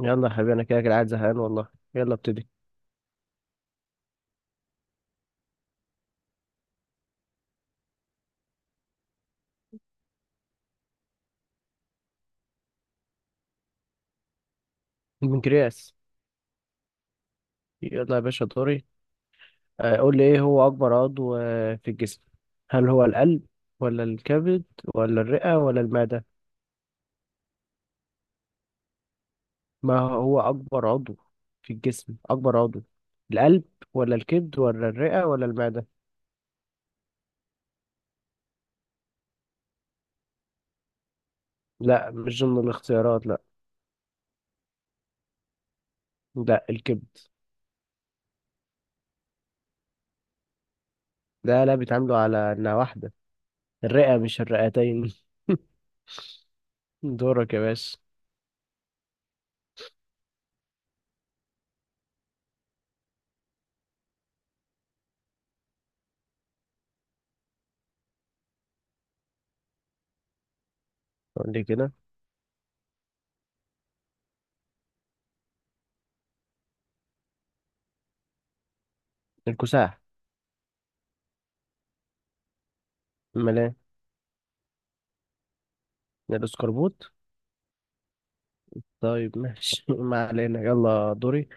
يلا يا حبيبي، انا كده كده قاعد زهقان والله. يلا ابتدي. البنكرياس. يلا يا باشا دوري. قول لي ايه هو اكبر عضو في الجسم؟ هل هو القلب، ولا الكبد، ولا الرئة، ولا المعدة؟ ما هو اكبر عضو في الجسم، اكبر عضو، القلب ولا الكبد ولا الرئة ولا المعدة؟ لا، مش ضمن الاختيارات، لا. لا، الكبد. لا لا، بيتعاملوا على انها واحدة. الرئة مش الرئتين. دورك يا باشا. قول لي كده. الكساح. امال ايه؟ الاسكربوت. طيب ماشي. ما علينا، يلا دوري.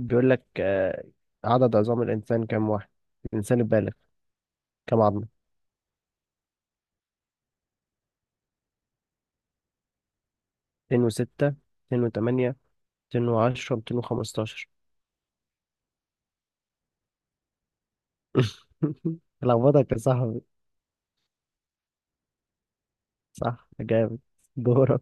بيقول لك عدد عظام الإنسان كام واحد؟ الإنسان البالغ. كام عظمة؟ 206، 208، 210، 215. لخبطك يا صاحبي. صح جامد. دورك.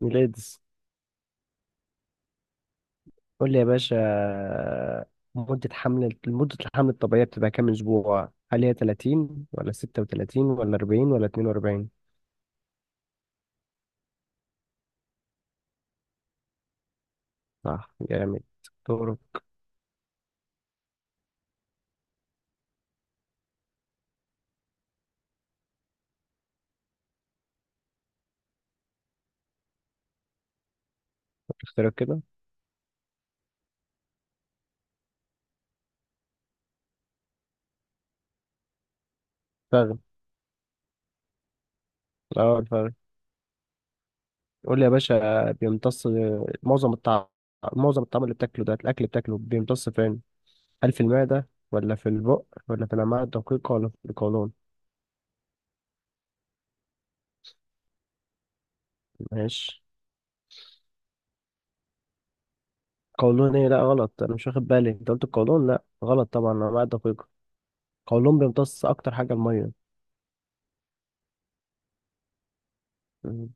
ميلادس. قول لي يا باشا، مدة حمل، مدة الحمل الطبيعية بتبقى كام أسبوع؟ هل هي 30 ولا 36 ولا 40 ولا 42؟ صح جامد. دورك. اختيارك كده. فاهم. اه، الفخذ. يقول لي يا باشا، بيمتص معظم الطعم، معظم الطعم اللي بتاكله ده، الاكل بتاكله بيمتص فين؟ هل في المعده، ولا في البق، ولا في الامعاء الدقيقه، ولا في القولون؟ ماشي. قولون ايه؟ لا غلط، انا مش واخد بالي انت قلت القولون. لا غلط طبعا، الامعاء الدقيقه. القولون بيمتص اكتر حاجه الميه. مم.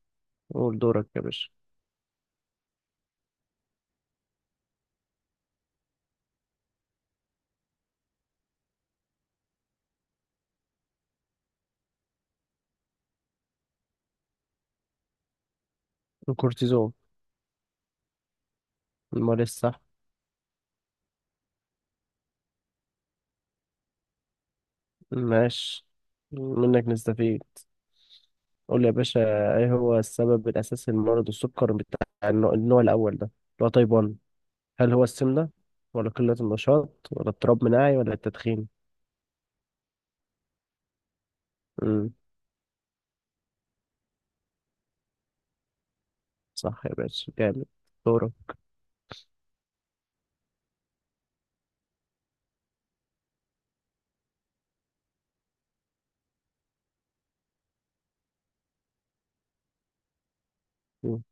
قول دورك يا باشا. الكورتيزون. المال الصح. ماشي، منك نستفيد. قول لي يا باشا، ايه هو السبب الاساسي لمرض السكر بتاع النوع الاول ده اللي هو تايب 1؟ هل هو السمنة، ولا قلة النشاط، ولا اضطراب مناعي، ولا التدخين؟ امم صح يا باشا، جامد. دورك. مم.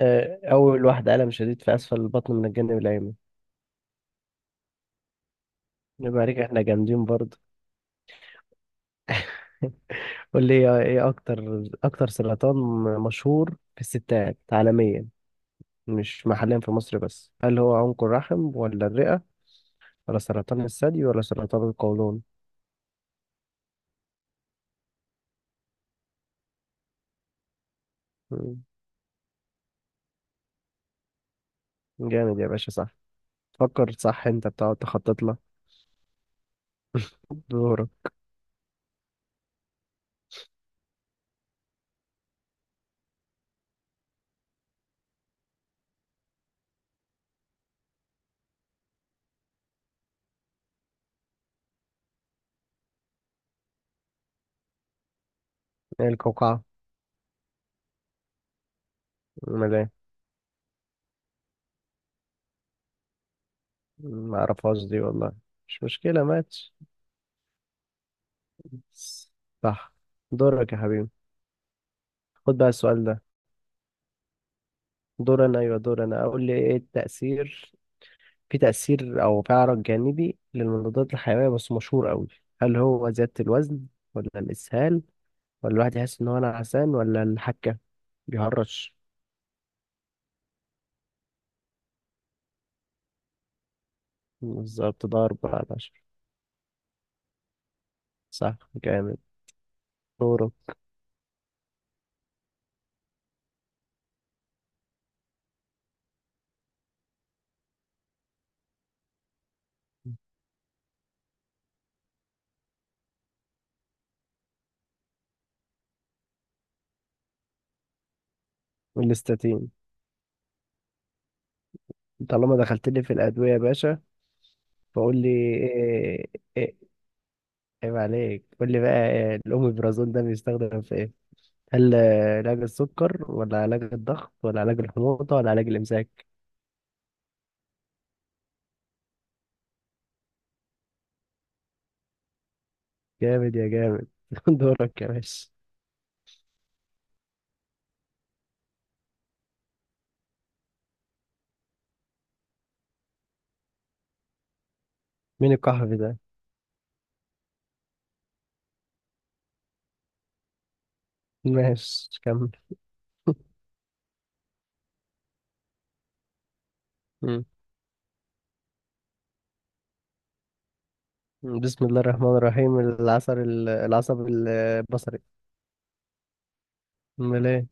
أول واحدة، ألم شديد في أسفل البطن من الجانب الأيمن. يبقى عليك، احنا جامدين برضه. قول لي، إيه أكتر سرطان مشهور في الستات عالميا، مش محليا في مصر بس؟ هل هو عنق الرحم، ولا الرئة، ولا سرطان الثدي، ولا سرطان القولون؟ مم. جامد يا باشا، صح. فكر صح، انت بتقعد تخطط لك. دورك. إيه القوقعة؟ ملام. ما اعرفهاش دي والله. مش مشكلة ماتش. صح. دورك يا حبيبي، خد بقى السؤال ده. دور انا اقول لي ايه التأثير، في تأثير او تعرض جانبي للمضادات الحيوية بس مشهور قوي؟ هل هو زيادة الوزن، ولا الإسهال، ولا الواحد يحس ان هو نعسان، ولا الحكة، بيهرش؟ بالظبط، ده أربعة على عشرة. صح جامد. دورك. الاستاتين. طالما دخلت لي في الأدوية يا باشا، فقول لي. إيه, عيب عليك، قول لي بقى. الأوميبرازول ده بيستخدم في إيه؟ هل علاج السكر، ولا علاج الضغط، ولا علاج الحموضة، ولا علاج الإمساك؟ جامد يا جامد. دورك يا باشا. مين الكحف ده؟ ماشي، كمل. مم. بسم الله الرحمن الرحيم. العصب البصري. أمال إيه؟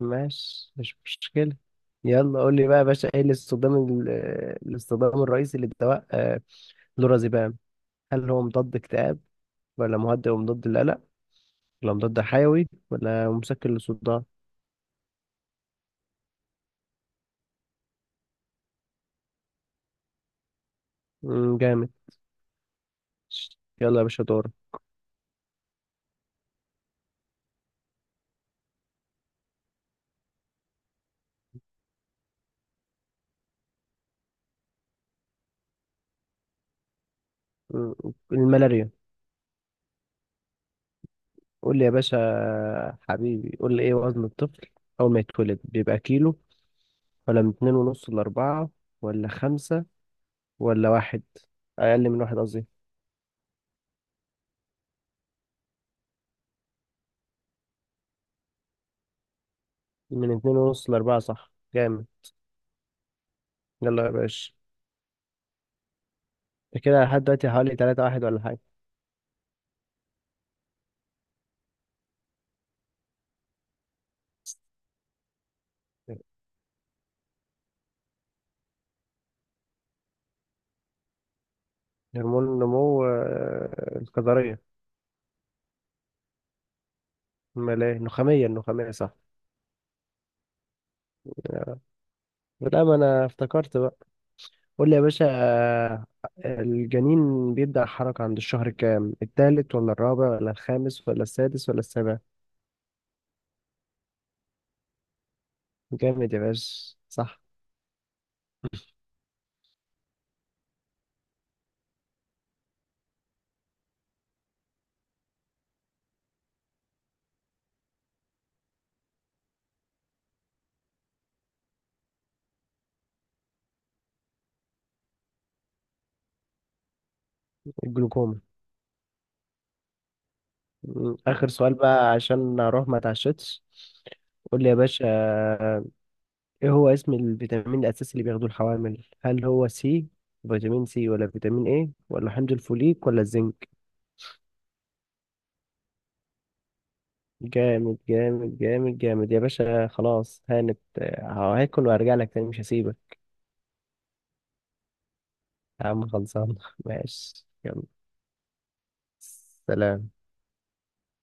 ماشي، مش مشكلة. يلا قول لي بقى يا باشا، إيه الاستخدام الرئيسي للدواء لورازيبام؟ هل هو مضاد اكتئاب، ولا مهدئ ومضاد للقلق، الأمراض ده حيوي، ولا مسكن للصداع؟ جامد. يلا يا باشا دور. مم، الملاريا. قول لي يا باشا حبيبي، قول لي ايه وزن الطفل أول ما يتولد؟ بيبقى كيلو، ولا من اتنين ونص لأربعة، ولا خمسة، ولا واحد، أقل من واحد قصدي؟ من اتنين ونص لأربعة. صح جامد. يلا يا باشا. ده كده لحد دلوقتي حوالي تلاتة واحد ولا حاجة. هرمون النمو، الكظرية. أمال إيه؟ النخامية، النخامية صح. لا، ما أنا افتكرت بقى. قول لي يا باشا، الجنين بيبدأ حركة عند الشهر كام؟ التالت، ولا الرابع، ولا الخامس، ولا السادس، ولا السابع؟ جامد يا باشا، صح. الجلوكوما. م، آخر سؤال بقى عشان أروح ما اتعشتش. قول لي يا باشا، إيه هو اسم الفيتامين الأساسي اللي بياخدوه الحوامل؟ هل هو سي، فيتامين سي، ولا فيتامين ايه، ولا حمض الفوليك، ولا الزنك؟ جامد جامد جامد جامد يا باشا، خلاص هانت. هاكل وهرجع لك تاني، مش هسيبك. يا عم خلصان. ماشي، يلا. سلام.